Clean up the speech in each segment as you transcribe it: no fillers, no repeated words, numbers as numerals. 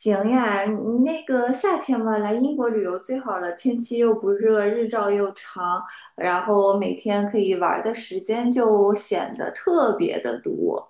行呀，你那个夏天嘛，来英国旅游最好了，天气又不热，日照又长，然后每天可以玩儿的时间就显得特别的多。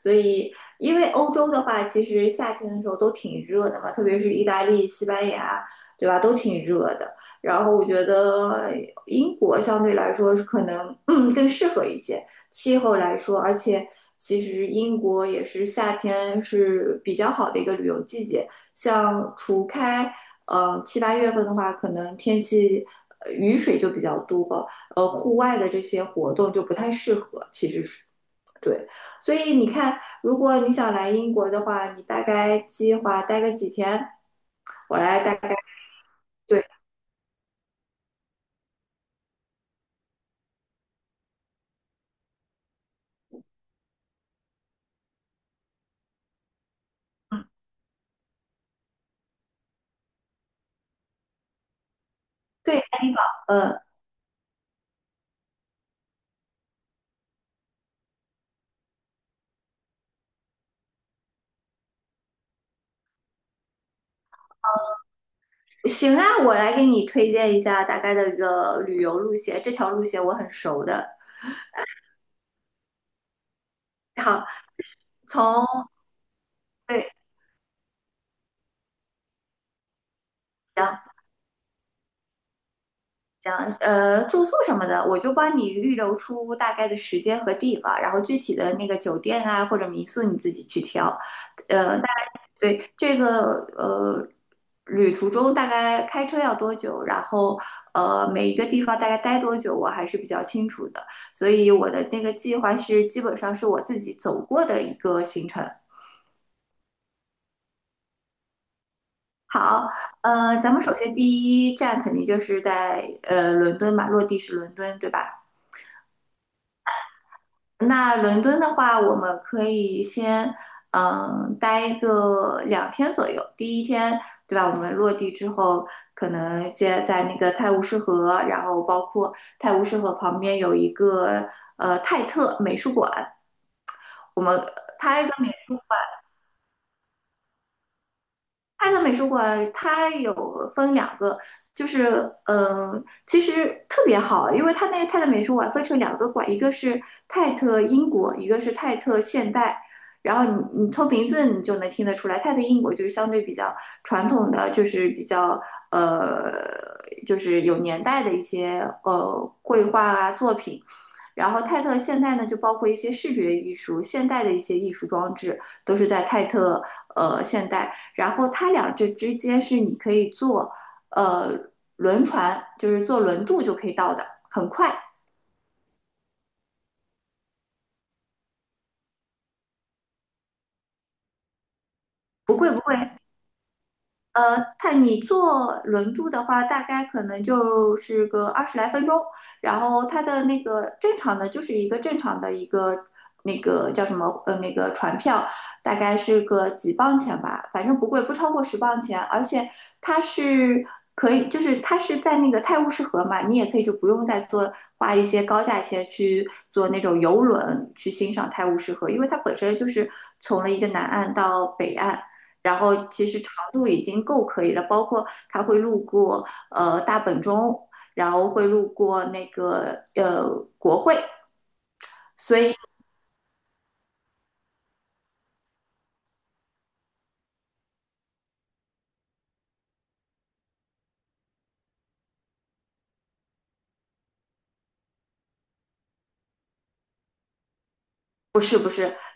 所以，因为欧洲的话，其实夏天的时候都挺热的嘛，特别是意大利、西班牙，对吧，都挺热的。然后我觉得英国相对来说是可能，更适合一些。气候来说，而且其实英国也是夏天是比较好的一个旅游季节。像除开七八月份的话，可能天气雨水就比较多，户外的这些活动就不太适合。其实是对，所以你看，如果你想来英国的话，你大概计划待个几天？我来大概。对。嗯，对，嗯。行啊，我来给你推荐一下大概的一个旅游路线，这条路线我很熟的。好。从。对。讲。住宿什么的，我就帮你预留出大概的时间和地方，然后具体的那个酒店啊或者民宿你自己去挑。大概。对。这个旅途中大概开车要多久，然后每一个地方大概待多久，我还是比较清楚的，所以我的那个计划是基本上是我自己走过的一个行程。好，咱们首先第一站肯定就是在伦敦嘛，落地是伦敦，对吧？那伦敦的话，我们可以先待个两天左右。第一天，对吧？我们落地之后，可能先在那个泰晤士河，然后包括泰晤士河旁边有一个泰特美术馆，我们它一个美。泰特美术馆它有分两个，就是嗯、其实特别好，因为它那个泰特美术馆分成两个馆，一个是泰特英国，一个是泰特现代。然后你从名字你就能听得出来，泰特英国就是相对比较传统的，就是比较呃，就是有年代的一些绘画啊作品。然后泰特现代呢，就包括一些视觉艺术、现代的一些艺术装置，都是在泰特现代。然后它俩这之间是你可以坐呃轮船，就是坐轮渡就可以到的，很快，不贵不贵。它你坐轮渡的话，大概可能就是个20来分钟，然后它的那个正常的就是一个正常的一个那个叫什么那个船票，大概是个几磅钱吧，反正不贵，不超过10磅钱，而且它是可以，就是它是在那个泰晤士河嘛，你也可以就不用再坐花一些高价钱去坐那种游轮去欣赏泰晤士河，因为它本身就是从了一个南岸到北岸。然后其实长度已经够可以了，包括它会路过大本钟，然后会路过那个国会，所以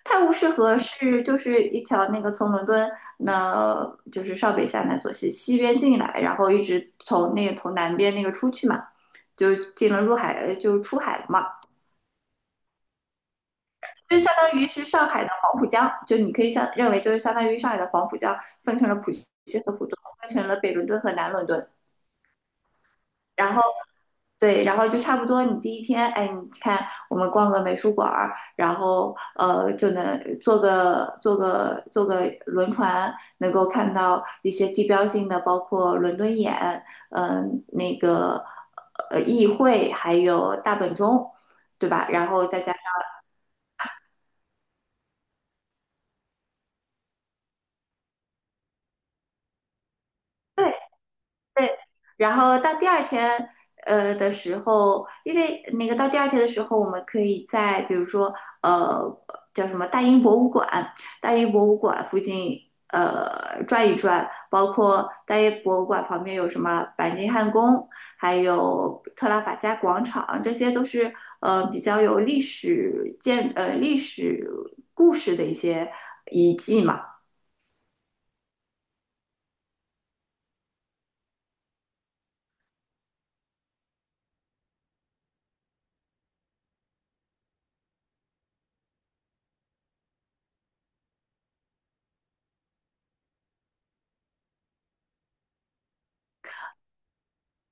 泰晤士河是就是一条那个从伦敦那就是上北下南左西西边进来，然后一直从那个从南边那个出去嘛，就进了入海就出海了嘛，就相当于是上海的黄浦江，就你可以相认为就是相当于上海的黄浦江分成了浦西和浦东，分成了北伦敦和南伦敦。然后对，然后就差不多你第一天，哎，你看我们逛个美术馆儿，然后就能坐个轮船，能够看到一些地标性的，包括伦敦眼，那个议会，还有大本钟，对吧？然后再加上。对。对，然后到第二天的时候，因为那个到第二天的时候，我们可以在比如说，呃，叫什么大英博物馆，大英博物馆附近，转一转，包括大英博物馆旁边有什么白金汉宫，还有特拉法加广场，这些都是比较有历史建，历史故事的一些遗迹嘛。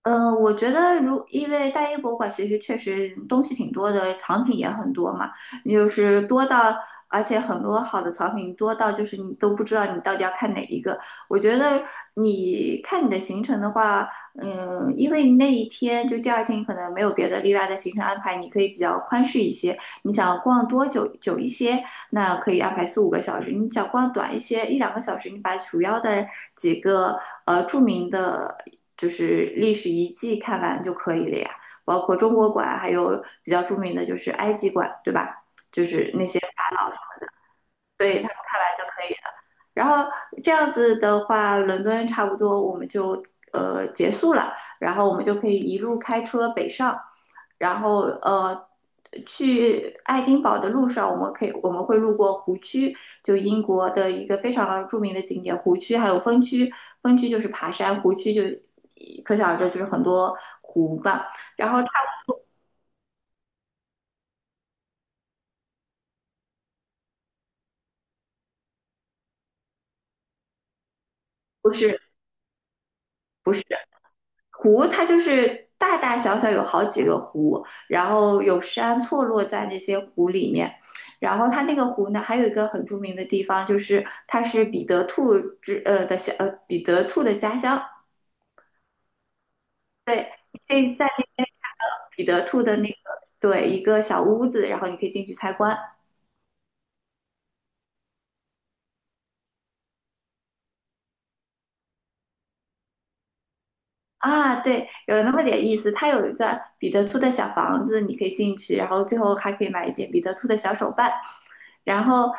嗯，我觉得如因为大英博物馆其实确实东西挺多的，藏品也很多嘛，就是多到，而且很多好的藏品多到就是你都不知道你到底要看哪一个。我觉得你看你的行程的话，因为那一天就第二天你可能没有别的例外的行程安排，你可以比较宽适一些。你想逛多久久一些，那可以安排四五个小时；你想逛短一些，一两个小时，你把主要的几个著名的。就是历史遗迹看完就可以了呀。包括中国馆，还有比较著名的就是埃及馆，对吧？就是那些法老。然后这样子的话，伦敦差不多我们就结束了，然后我们就可以一路开车北上，然后去爱丁堡的路上，我们会路过湖区，就英国的一个非常著名的景点湖区，还有峰区，峰区就是爬山，湖区就可想而知就是很多湖吧，然后它不是。湖它就是大大小小有好几个湖，然后有山错落在那些湖里面。然后它那个湖呢，还有一个很著名的地方，就是它是彼得兔的家乡。对，你可以在那边彼得兔的那个对一个小屋子，然后你可以进去参观。啊，对，有那么点意思。它有一个彼得兔的小房子，你可以进去，然后最后还可以买一点彼得兔的小手办。然后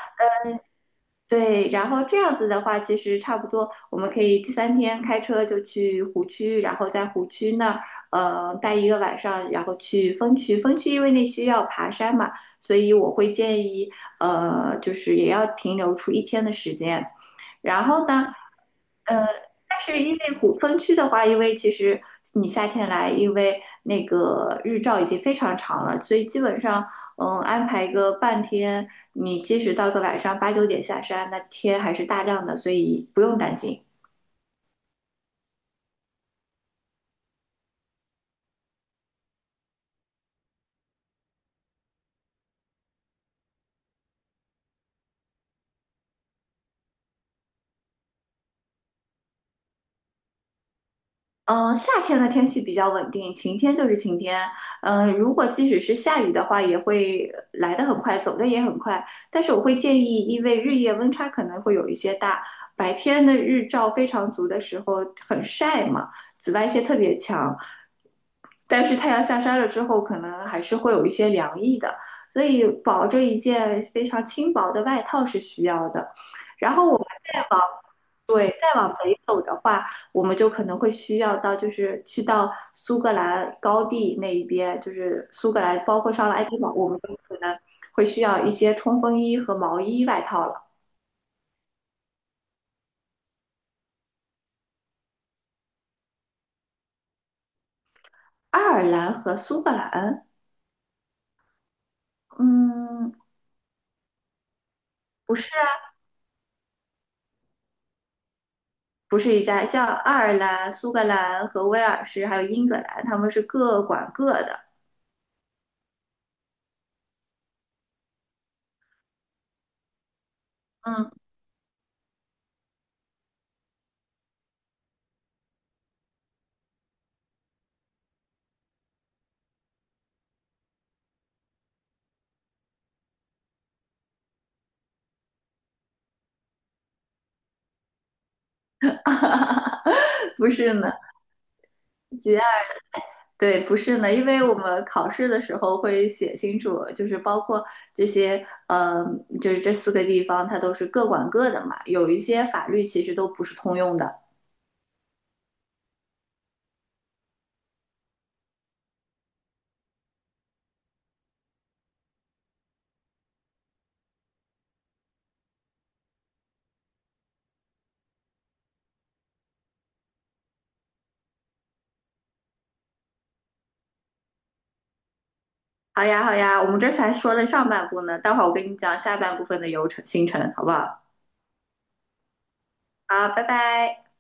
对，然后这样子的话，其实差不多，我们可以第三天开车就去湖区，然后在湖区那儿，待一个晚上，然后去峰区。峰区因为那需要爬山嘛，所以我会建议，就是也要停留出一天的时间。然后呢，呃，但是因为虎峰区的话，因为其实你夏天来，因为那个日照已经非常长了，所以基本上，安排一个半天，你即使到个晚上八九点下山，那天还是大亮的，所以不用担心。嗯。夏天的天气比较稳定，晴天就是晴天。如果即使是下雨的话，也会来得很快，走得也很快。但是我会建议，因为日夜温差可能会有一些大，白天的日照非常足的时候很晒嘛，紫外线特别强。但是太阳下山了之后，可能还是会有一些凉意的，所以保着一件非常轻薄的外套是需要的。对，再往北走的话，我们就可能会需要到，就是去到苏格兰高地那一边，就是苏格兰，包括上了爱丁堡，我们就可能会需要一些冲锋衣和毛衣外套了。爱尔兰和苏格兰，嗯，不是啊，不是一家，像爱尔兰、苏格兰和威尔士，还有英格兰，他们是各管各的。嗯，不是呢。对，不是呢，因为我们考试的时候会写清楚，就是包括这些，就是这四个地方，它都是各管各的嘛。有一些法律其实都不是通用的。好呀，好呀，我们这才说了上半部呢，待会儿我跟你讲下半部分的流程行程，好不好？好，拜拜。